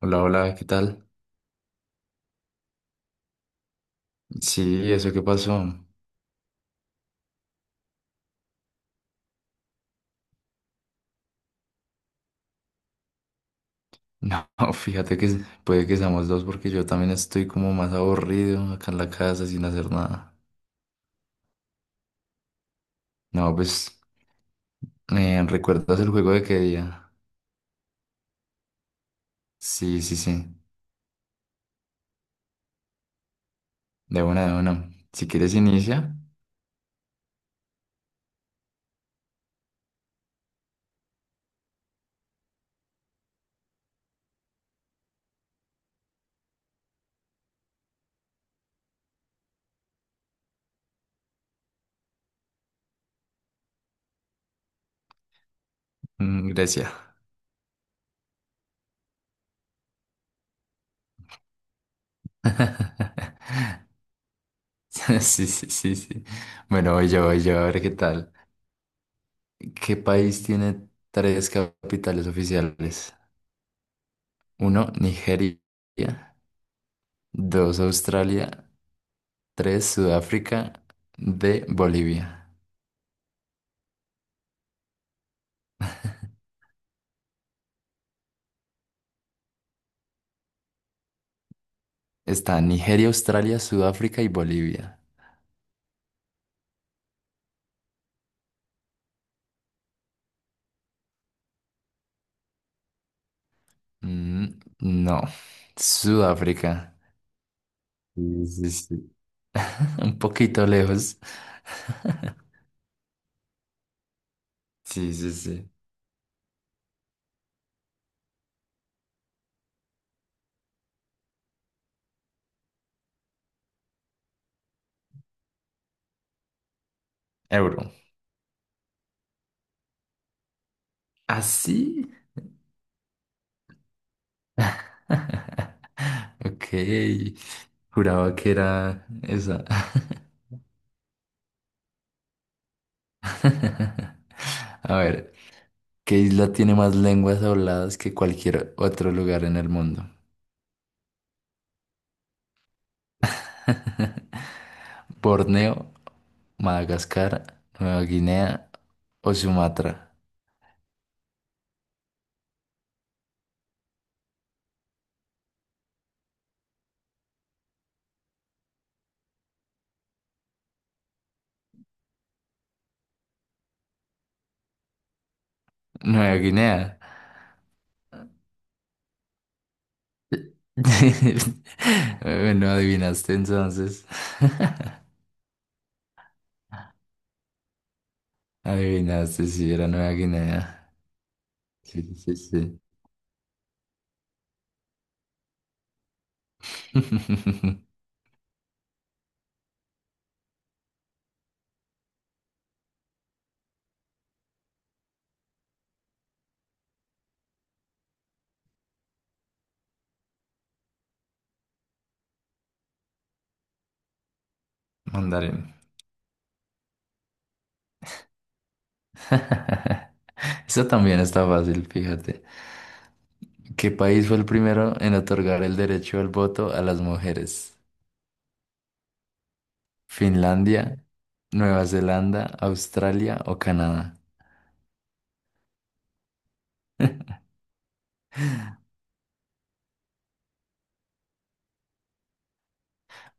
Hola, hola, ¿qué tal? Sí, ¿eso qué pasó? No, fíjate que puede que seamos dos porque yo también estoy como más aburrido acá en la casa sin hacer nada. No, pues, ¿recuerdas el juego de qué día? Sí, sí, sí, de una, de una. Si quieres inicia. Mm, gracias. Sí, sí, sí, sí. Bueno, voy yo, a ver qué tal. ¿Qué país tiene tres capitales oficiales? Uno, Nigeria. Dos, Australia. Tres, Sudáfrica, de Bolivia. Está Nigeria, Australia, Sudáfrica y Bolivia. Mm, no, Sudáfrica. Sí, sí, sí. Un poquito lejos. Sí, sí, sí. Euro. ¿Así? Ok. Juraba que era esa. A ver, ¿qué isla tiene más lenguas habladas que cualquier otro lugar en el mundo? ¿Borneo, Madagascar, Nueva Guinea o Sumatra? Nueva Guinea. Bueno, adivinaste entonces. Adivinaste, si era Nueva Guinea. Sí, sí, sí. Mandarín. Eso también está fácil, fíjate. ¿Qué país fue el primero en otorgar el derecho al voto a las mujeres? ¿Finlandia, Nueva Zelanda, Australia o Canadá?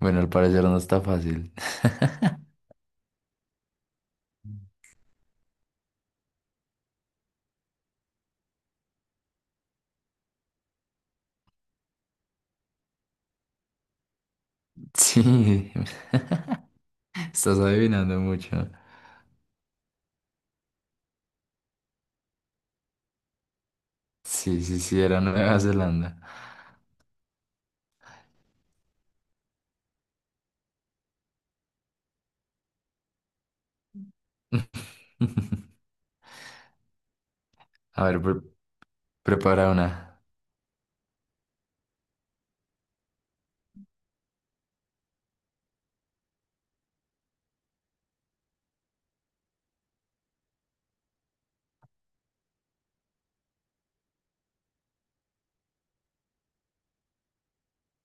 Bueno, al parecer no está fácil. Sí, estás adivinando mucho. Sí, sí, sí, era Nueva Zelanda. A ver, prepara una.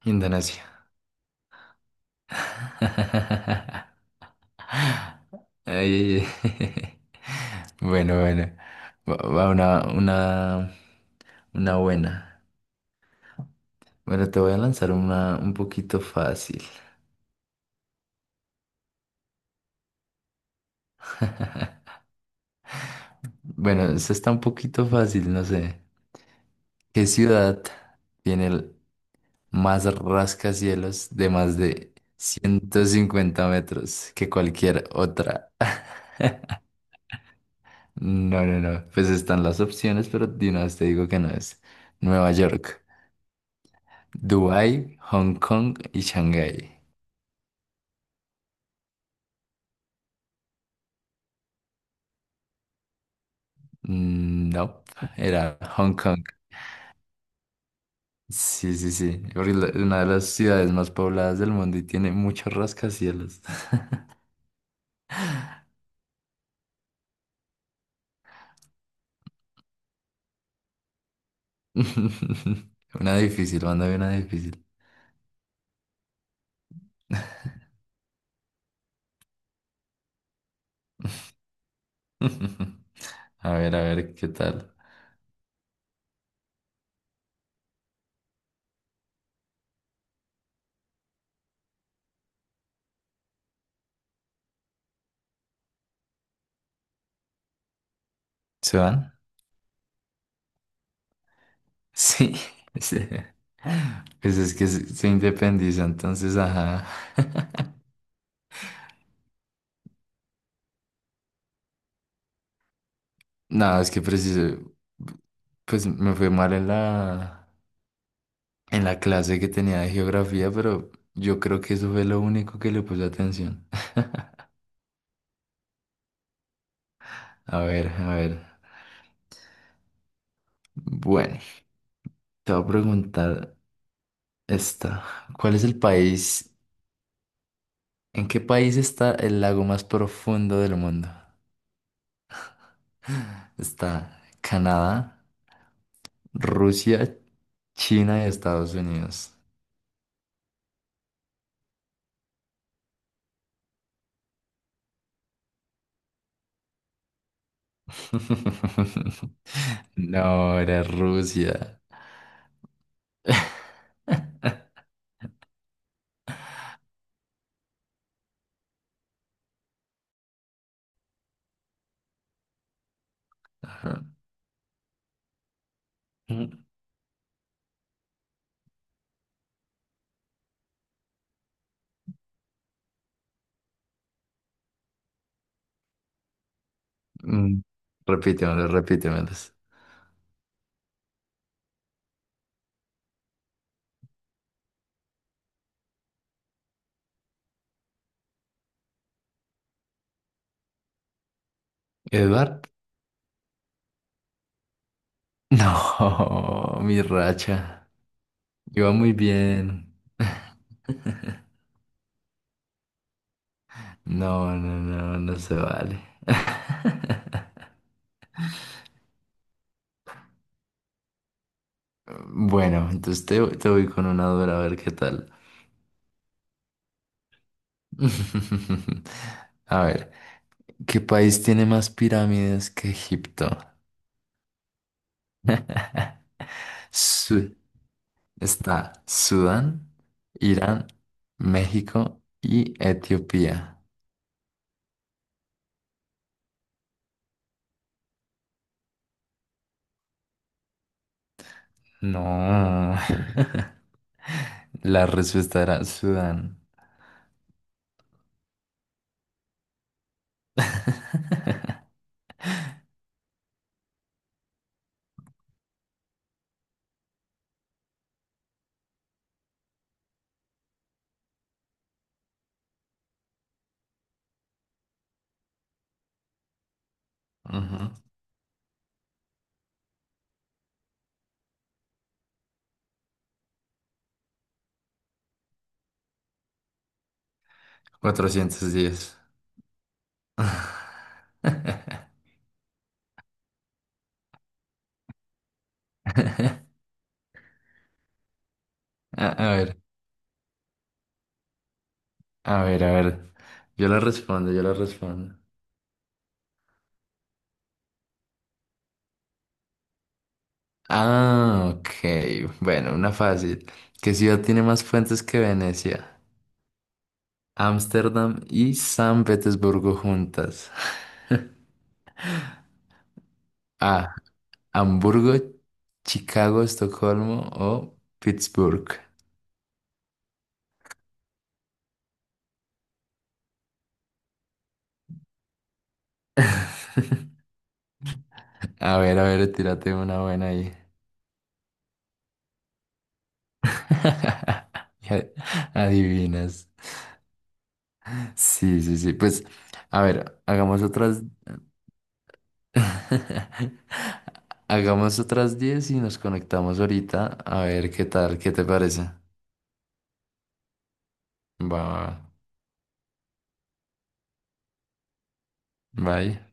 Indonesia. Ay, bueno, bueno. Va, va una buena. Bueno, te voy a lanzar una un poquito fácil. Bueno, esta está un poquito fácil, no sé. ¿Qué ciudad tiene el más rascacielos de más de 150 metros que cualquier otra? No, no, no. Pues están las opciones, pero de una vez te digo que no es. Nueva York, Dubái, Hong Kong y Shanghái. Mm, no, era Hong Kong. Sí, sí, sí. Porque una de las ciudades más pobladas del mundo y tiene muchos rascacielos. Una difícil, mándame una difícil. A ver, ¿qué tal? ¿Se van? Sí. Sí. Pues es que se independiza, entonces, ajá. Nada, es que preciso, pues me fue mal en en la clase que tenía de geografía, pero yo creo que eso fue lo único que le puse atención. A ver, a ver. Bueno, te voy a preguntar esta. ¿Cuál es el país? ¿En qué país está el lago más profundo del mundo? Está Canadá, Rusia, China y Estados Unidos. No, era Rusia. Ajá. Mm, mm, repítemelos, repítemelos. ¿Edward? No, mi racha. Iba muy bien. No, no, no, no se vale. Bueno, entonces te voy con una dura, a ver qué tal. A ver, ¿qué país tiene más pirámides que Egipto? Su- está Sudán, Irán, México y Etiopía. No. La respuesta era Sudán. Ujú. 410. A a ver, a ver, a ver. Yo la respondo, yo la respondo. Ah, ok. Bueno, una fácil. ¿Qué ciudad tiene más fuentes que Venecia? Ámsterdam y San Petersburgo juntas. A. Hamburgo, Chicago, Estocolmo o Pittsburgh. A ver, tírate una buena ahí. Y adivinas. Sí, sí, sí. Pues, a ver, hagamos otras. Hagamos otras 10 y nos conectamos ahorita. A ver qué tal, qué te parece. Va, va, va. Bye.